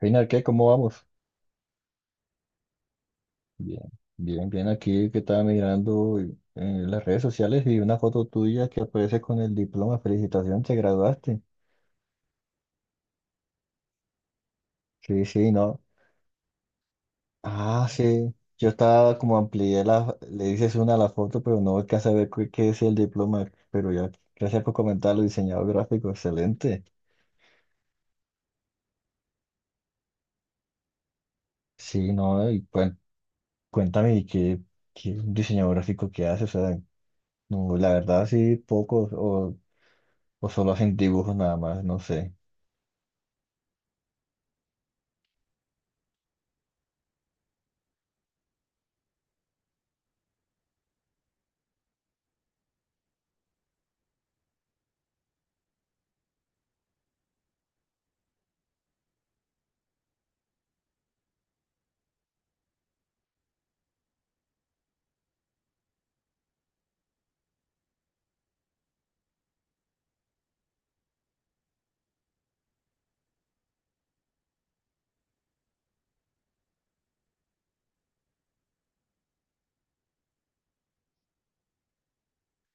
Final, ¿qué? ¿Cómo vamos? Bien, bien, bien. Aquí que estaba mirando, en las redes sociales y una foto tuya que aparece con el diploma. Felicitaciones, te graduaste. Sí, sí, no. Ah, sí. Yo estaba como amplié la, le dices una a la foto, pero no alcanza a ver qué es el diploma. Pero ya, gracias por comentarlo, diseñador gráfico, excelente. Sí, no, cuéntame, qué diseñador gráfico que hace? O sea, no, la verdad sí, o solo hacen dibujos nada más, no sé.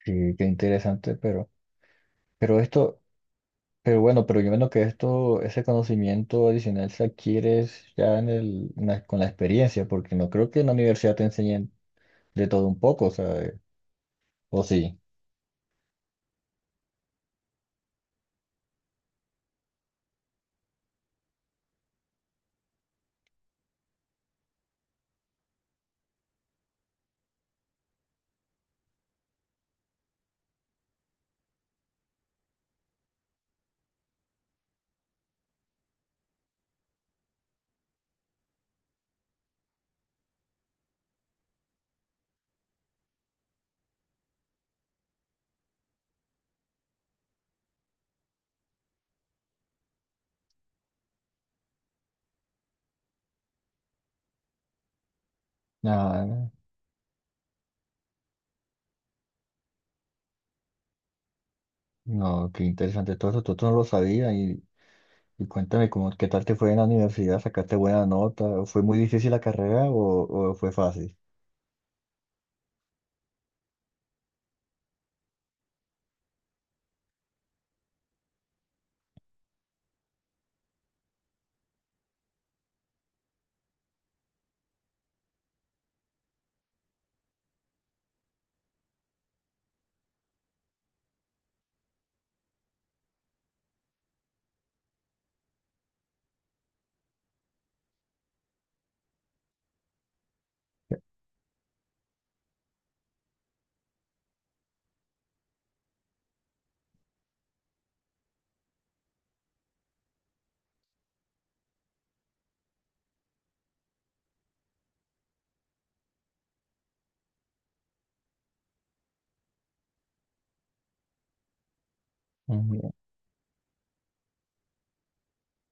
Sí, qué interesante, pero esto, pero bueno, pero yo menos que esto, ese conocimiento adicional se adquiere es ya en el, en la- con la experiencia, porque no creo que en la universidad te enseñen de todo un poco, o sea, o sí. No, no, qué interesante todo esto no lo sabía, y cuéntame cómo, qué tal te fue en la universidad, sacaste buena nota, ¿fue muy difícil la carrera o fue fácil?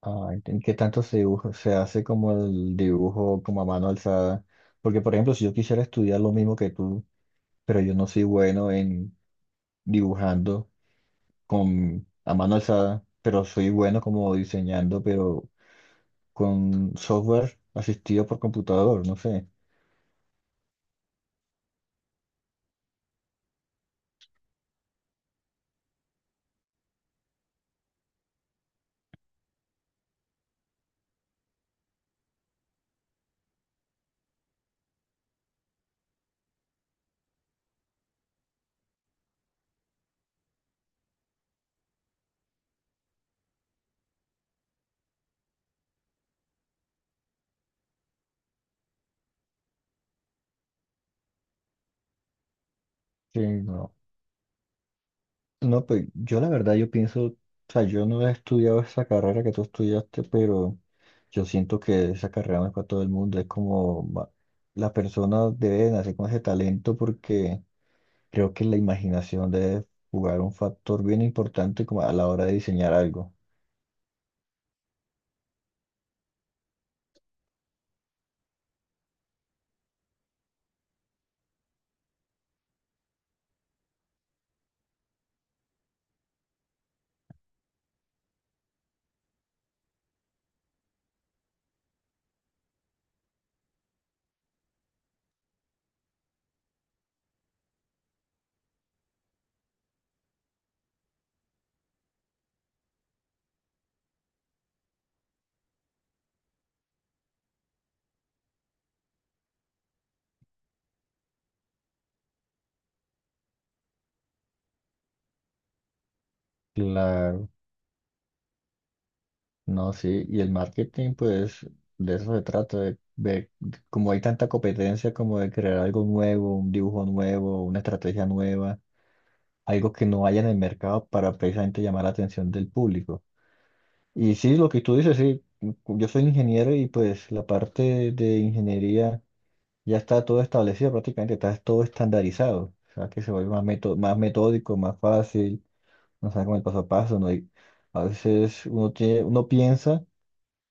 ¿En qué tanto se dibuja? Se hace como el dibujo como a mano alzada. Porque, por ejemplo, si yo quisiera estudiar lo mismo que tú, pero yo no soy bueno en dibujando con a mano alzada, pero soy bueno como diseñando, pero con software asistido por computador, no sé. Sí, no. No, pues yo la verdad yo pienso, o sea, yo no he estudiado esa carrera que tú estudiaste, pero yo siento que esa carrera no es para todo el mundo, las personas deben hacer con ese talento porque creo que la imaginación debe jugar un factor bien importante como a la hora de diseñar algo. Claro, no, sí, y el marketing pues de eso se trata, como hay tanta competencia como de crear algo nuevo, un dibujo nuevo, una estrategia nueva, algo que no haya en el mercado para precisamente llamar la atención del público. Y sí, lo que tú dices, sí, yo soy ingeniero y pues la parte de ingeniería ya está todo establecido prácticamente, está todo estandarizado, o sea que se vuelve más metódico, más fácil, no sabe con el paso a paso, ¿no? Y a veces uno tiene, uno piensa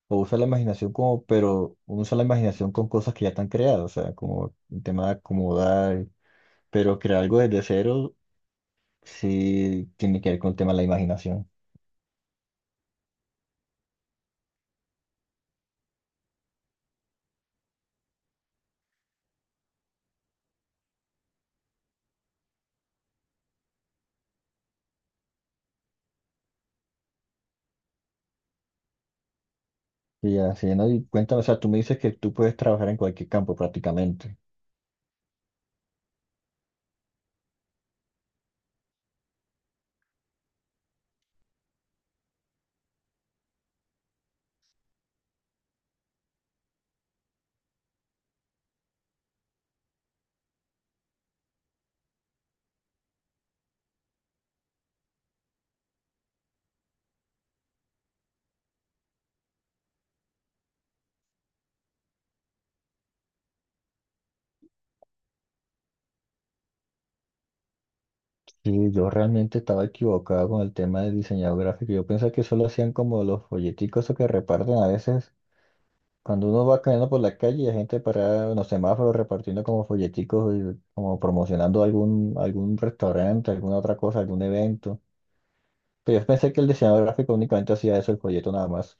o usa la imaginación como, pero uno usa la imaginación con cosas que ya están creadas, o sea, como el tema de acomodar, pero crear algo desde cero sí tiene que ver con el tema de la imaginación. Y así, ¿no? Y cuéntame, o sea, tú me dices que tú puedes trabajar en cualquier campo prácticamente. Sí, yo realmente estaba equivocado con el tema de diseñador gráfico. Yo pensaba que solo hacían como los folleticos esos que reparten a veces. Cuando uno va caminando por la calle y hay gente parada en los semáforos repartiendo como folleticos, y como promocionando algún restaurante, alguna otra cosa, algún evento. Pero yo pensé que el diseñador gráfico únicamente hacía eso, el folleto nada más.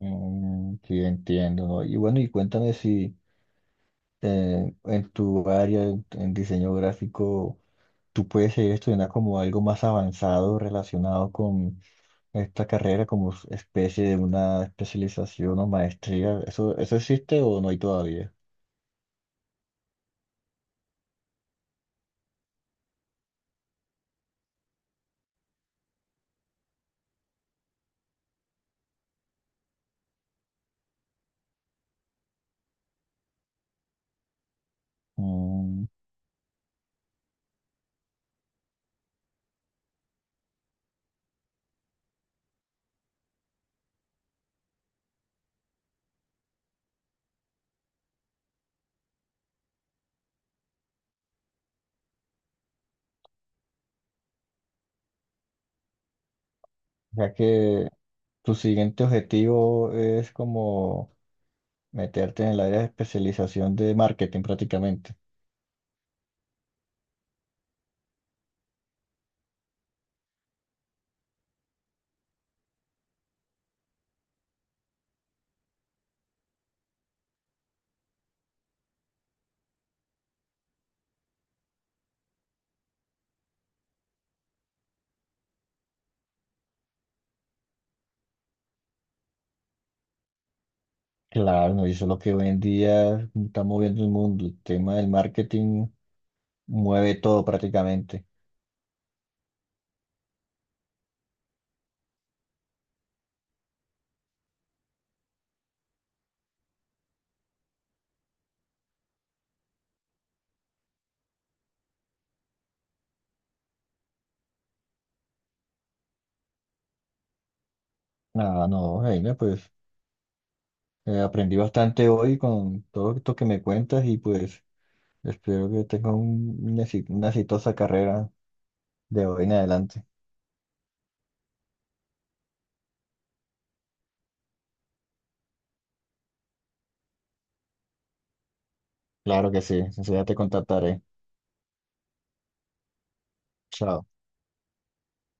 Mm, sí, entiendo, ¿no? Y bueno, y cuéntame si... en tu área, en diseño gráfico, tú puedes seguir estudiando como algo más avanzado relacionado con esta carrera, como especie de una especialización o maestría. ¿Eso existe o no hay todavía? Mm, ya que tu siguiente objetivo es como meterte en el área de especialización de marketing prácticamente. Claro, no, y eso es lo que hoy en día está moviendo el mundo. El tema del marketing mueve todo prácticamente. Ah, no, Jaime, pues aprendí bastante hoy con todo esto que me cuentas y pues espero que tengas una exitosa carrera de hoy en adelante. Claro que sí, enseguida te contactaré. Chao.